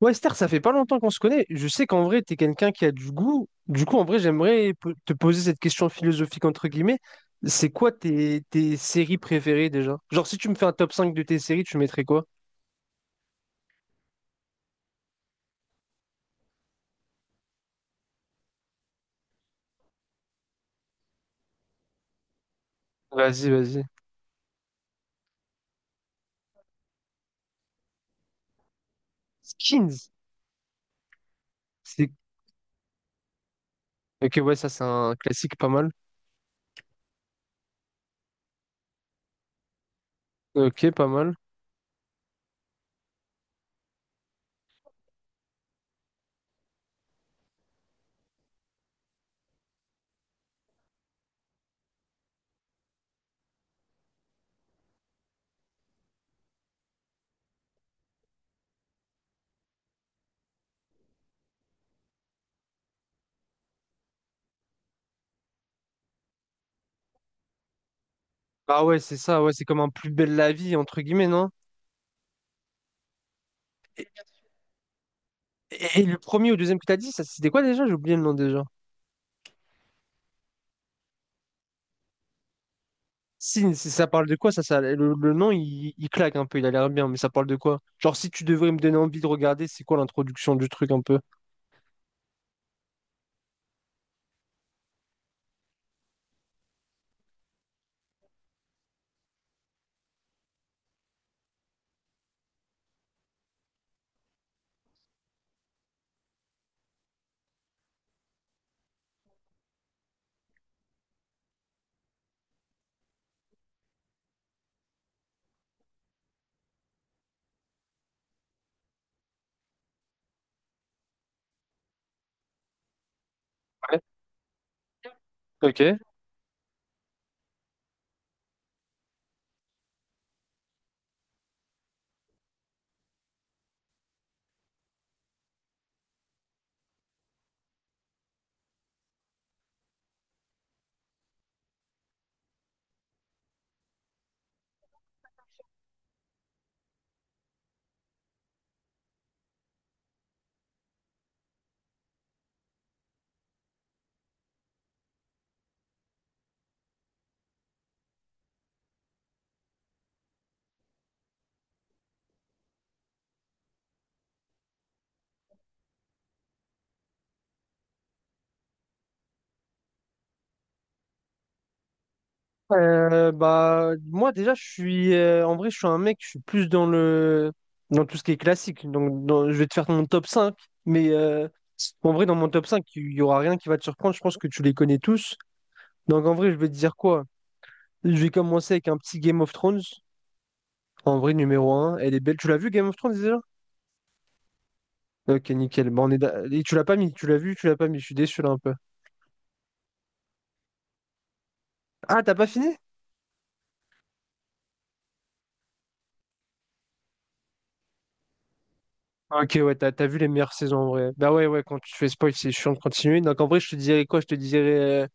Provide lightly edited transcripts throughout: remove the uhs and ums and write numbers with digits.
Ouais, Esther, ça fait pas longtemps qu'on se connaît. Je sais qu'en vrai, tu es quelqu'un qui a du goût. Du coup, en vrai, j'aimerais te poser cette question philosophique, entre guillemets. C'est quoi tes séries préférées déjà? Genre, si tu me fais un top 5 de tes séries, tu mettrais quoi? Vas-y, vas-y. Skins. C'est... Ok, ouais, ça, c'est un classique pas mal. Ok, pas mal. Ah ouais, c'est ça, ouais, c'est comme un plus belle la vie, entre guillemets, non? Et, et le premier ou deuxième que t'as dit, ça, c'était quoi déjà? J'ai oublié le nom déjà. Si ça parle de quoi, le nom, il claque un peu, il a l'air bien, mais ça parle de quoi? Genre, si tu devrais me donner envie de regarder, c'est quoi l'introduction du truc un peu? Ouais, ok. Bah, moi, déjà, je suis, en vrai, je suis un mec, je suis plus dans tout ce qui est classique. Donc, je vais te faire mon top cinq, mais en vrai, dans mon top 5 il y aura rien qui va te surprendre. Je pense que tu les connais tous. Donc, en vrai, je vais te dire quoi? Je vais commencer avec un petit Game of Thrones. En vrai, numéro un elle est belle. Tu l'as vu, Game of Thrones? Ok, nickel. Bon, et tu l'as pas mis, tu l'as vu, tu l'as pas mis. Je suis déçu là un peu. Ah, t'as pas fini? Ok, ouais, t'as vu les meilleures saisons en vrai. Bah ouais, ouais, quand tu fais spoil, c'est chiant de continuer. Donc en vrai, je te dirais quoi? Je te dirais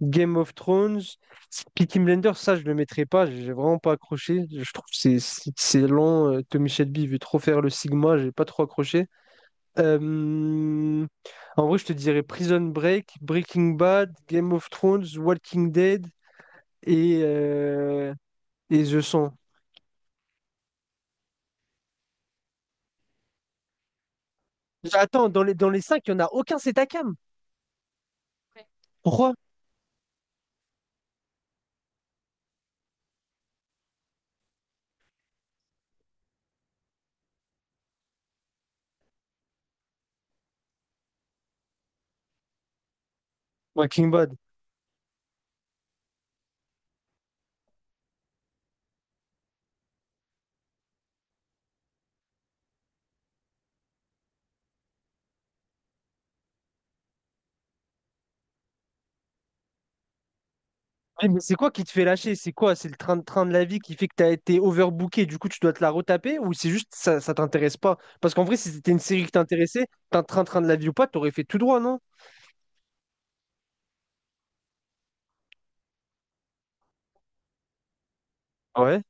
Game of Thrones, Peaky Blinders, ça, je le mettrais pas. J'ai vraiment pas accroché. Je trouve que c'est lent. Tommy Shelby il veut trop faire le Sigma, j'ai pas trop accroché. Euh, En vrai, je te dirais Prison Break, Breaking Bad, Game of Thrones, Walking Dead et, euh, et The 100. Attends, dans les cinq, il n'y en a aucun, c'est Takam. Pourquoi? Breaking Bad. Eh, mais c'est quoi qui te fait lâcher? C'est quoi? C'est le train de la vie qui fait que tu as été overbooké, du coup tu dois te la retaper? Ou c'est juste ça, ça t'intéresse pas? Parce qu'en vrai, si c'était une série qui t'intéressait, t'as un train-train de la vie ou pas, t'aurais fait tout droit, non? Ouais.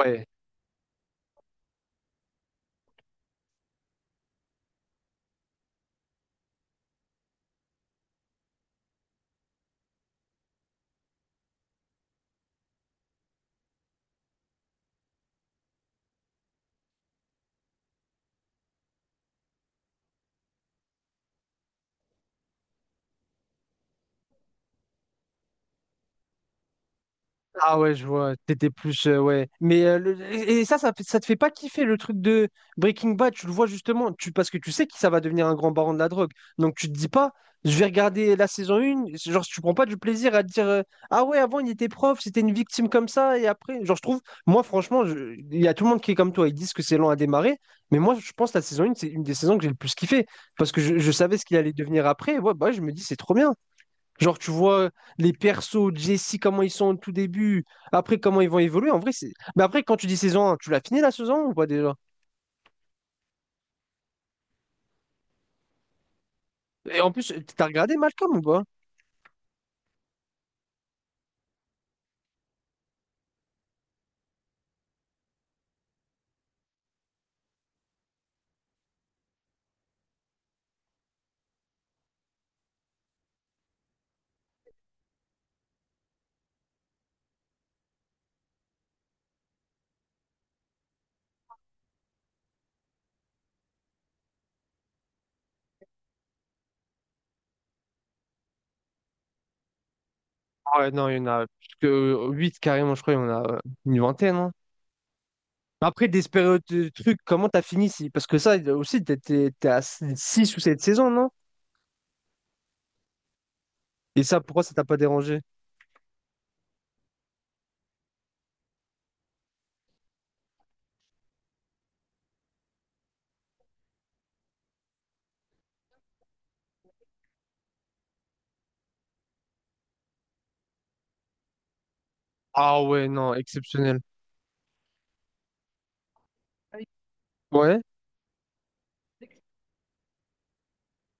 Ouais. Ah ouais, je vois, t'étais plus, ouais. Mais ça te fait pas kiffer le truc de Breaking Bad, tu le vois justement, tu, parce que tu sais que ça va devenir un grand baron de la drogue. Donc tu te dis pas, je vais regarder la saison 1, genre tu prends pas du plaisir à te dire, ah ouais, avant il était prof, c'était une victime comme ça, et après, genre je trouve, moi franchement, il y a tout le monde qui est comme toi, ils disent que c'est lent à démarrer, mais moi je pense que la saison 1, c'est une des saisons que j'ai le plus kiffé, parce que je savais ce qu'il allait devenir après, et ouais, bah je me dis, c'est trop bien. Genre, tu vois les persos, Jesse, comment ils sont au tout début, après comment ils vont évoluer. En vrai, c'est. Mais après, quand tu dis saison 1, tu l'as fini la saison 1 ou pas déjà? Et en plus, t'as regardé Malcolm ou pas? Ah ouais, non, il y en a plus que 8 carrément, je crois, il y en a une vingtaine, hein. Après, Desperate trucs, comment t'as fini? Parce que ça aussi, t'es à 6 ou 7 saisons, non? Et ça, pourquoi ça t'a pas dérangé? Ah ouais, non, exceptionnel. Ouais,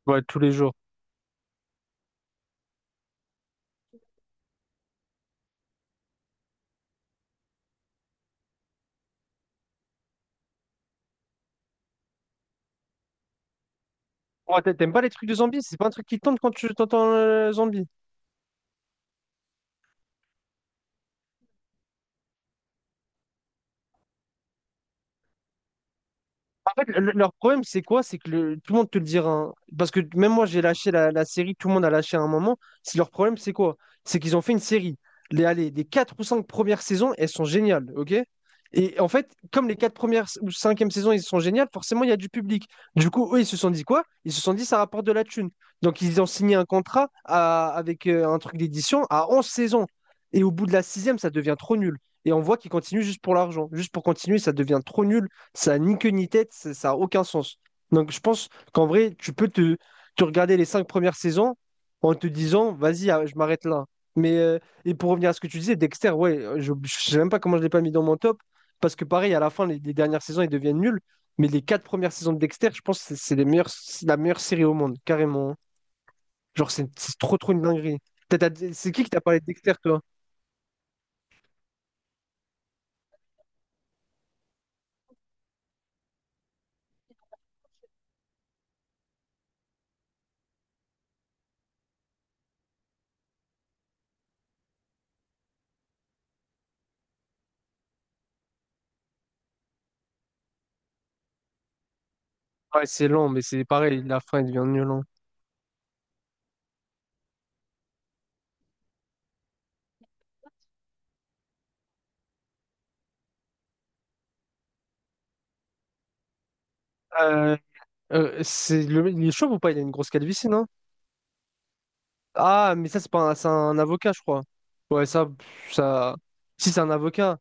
ouais, tous les jours. Ouais, t'aimes pas les trucs de zombies? C'est pas un truc qui te tente quand tu t'entends zombie. En fait, leur problème, c'est quoi? C'est que tout le monde te le dira, hein. Parce que même moi, j'ai lâché la série, tout le monde a lâché à un moment. Si leur problème, c'est quoi? C'est qu'ils ont fait une série. Les, allez, les 4 ou 5 premières saisons, elles sont géniales, ok? Et en fait, comme les 4 premières ou cinquième e saisons, ils sont géniales, forcément, il y a du public. Du coup, eux, ils se sont dit quoi? Ils se sont dit, ça rapporte de la thune. Donc, ils ont signé un contrat avec un truc d'édition à 11 saisons. Et au bout de la sixième, ça devient trop nul. Et on voit qu'ils continuent juste pour l'argent. Juste pour continuer, ça devient trop nul. Ça n'a ni queue ni tête, ça n'a aucun sens. Donc je pense qu'en vrai, tu peux te regarder les cinq premières saisons en te disant, vas-y, ah, je m'arrête là. Mais, et pour revenir à ce que tu disais, Dexter, ouais, je ne sais même pas comment je ne l'ai pas mis dans mon top, parce que pareil, à la fin, les dernières saisons, ils deviennent nuls. Mais les quatre premières saisons de Dexter, je pense que c'est les meilleures, c'est la meilleure série au monde, carrément. Genre, c'est trop, trop une dinguerie. C'est qui t'a parlé de Dexter, toi? Ouais, c'est lent, mais c'est pareil, la fin, il devient nul, hein. Euh, c'est le, il est chauve ou pas? Il a une grosse calvitie, non? Ah, mais ça, c'est pas un, c'est un avocat, je crois. Ouais, ça, ça. Si, c'est un avocat.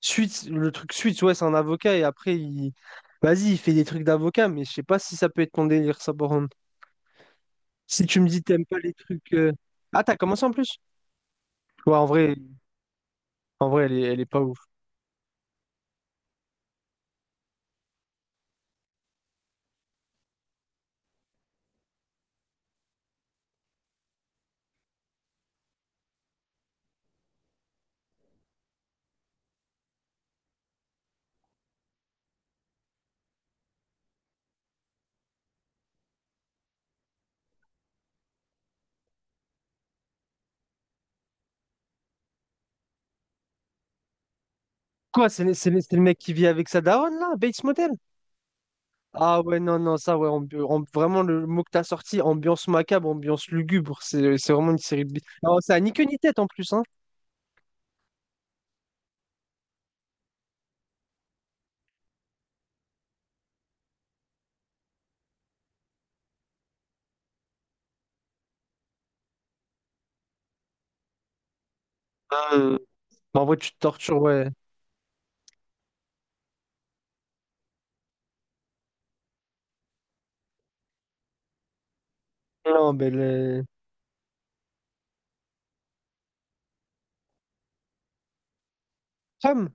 Suite le truc suite ouais, c'est un avocat et après, il. Vas-y, il fait des trucs d'avocat, mais je sais pas si ça peut être ton délire, ça, par contre. Si tu me dis t'aimes pas les trucs. Ah, t'as commencé en plus? Ouais, en vrai, elle est pas ouf. Quoi, c'est le mec qui vit avec sa daronne, là, Bates Motel? Ah, ouais, non, non, ça, ouais, vraiment, le mot que t'as sorti, ambiance macabre, ambiance lugubre, c'est vraiment une série de. Alors, ça a ni queue ni tête en plus, hein. Euh, mais en vrai, tu te tortures, ouais. Non, mais les... Sam?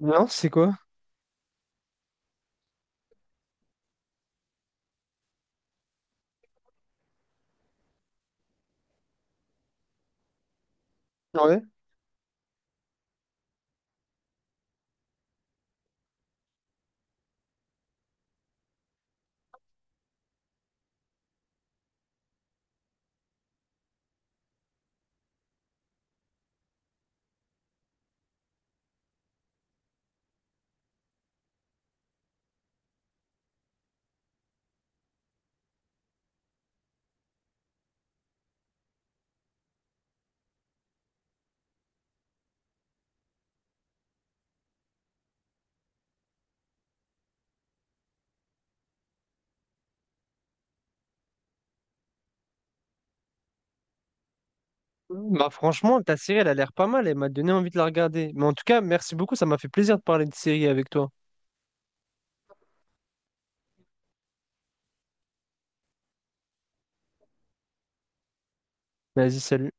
Non, c'est quoi? Ouais. Bah franchement, ta série, elle a l'air pas mal. Elle m'a donné envie de la regarder. Mais en tout cas, merci beaucoup. Ça m'a fait plaisir de parler de série avec toi. Vas-y, salut.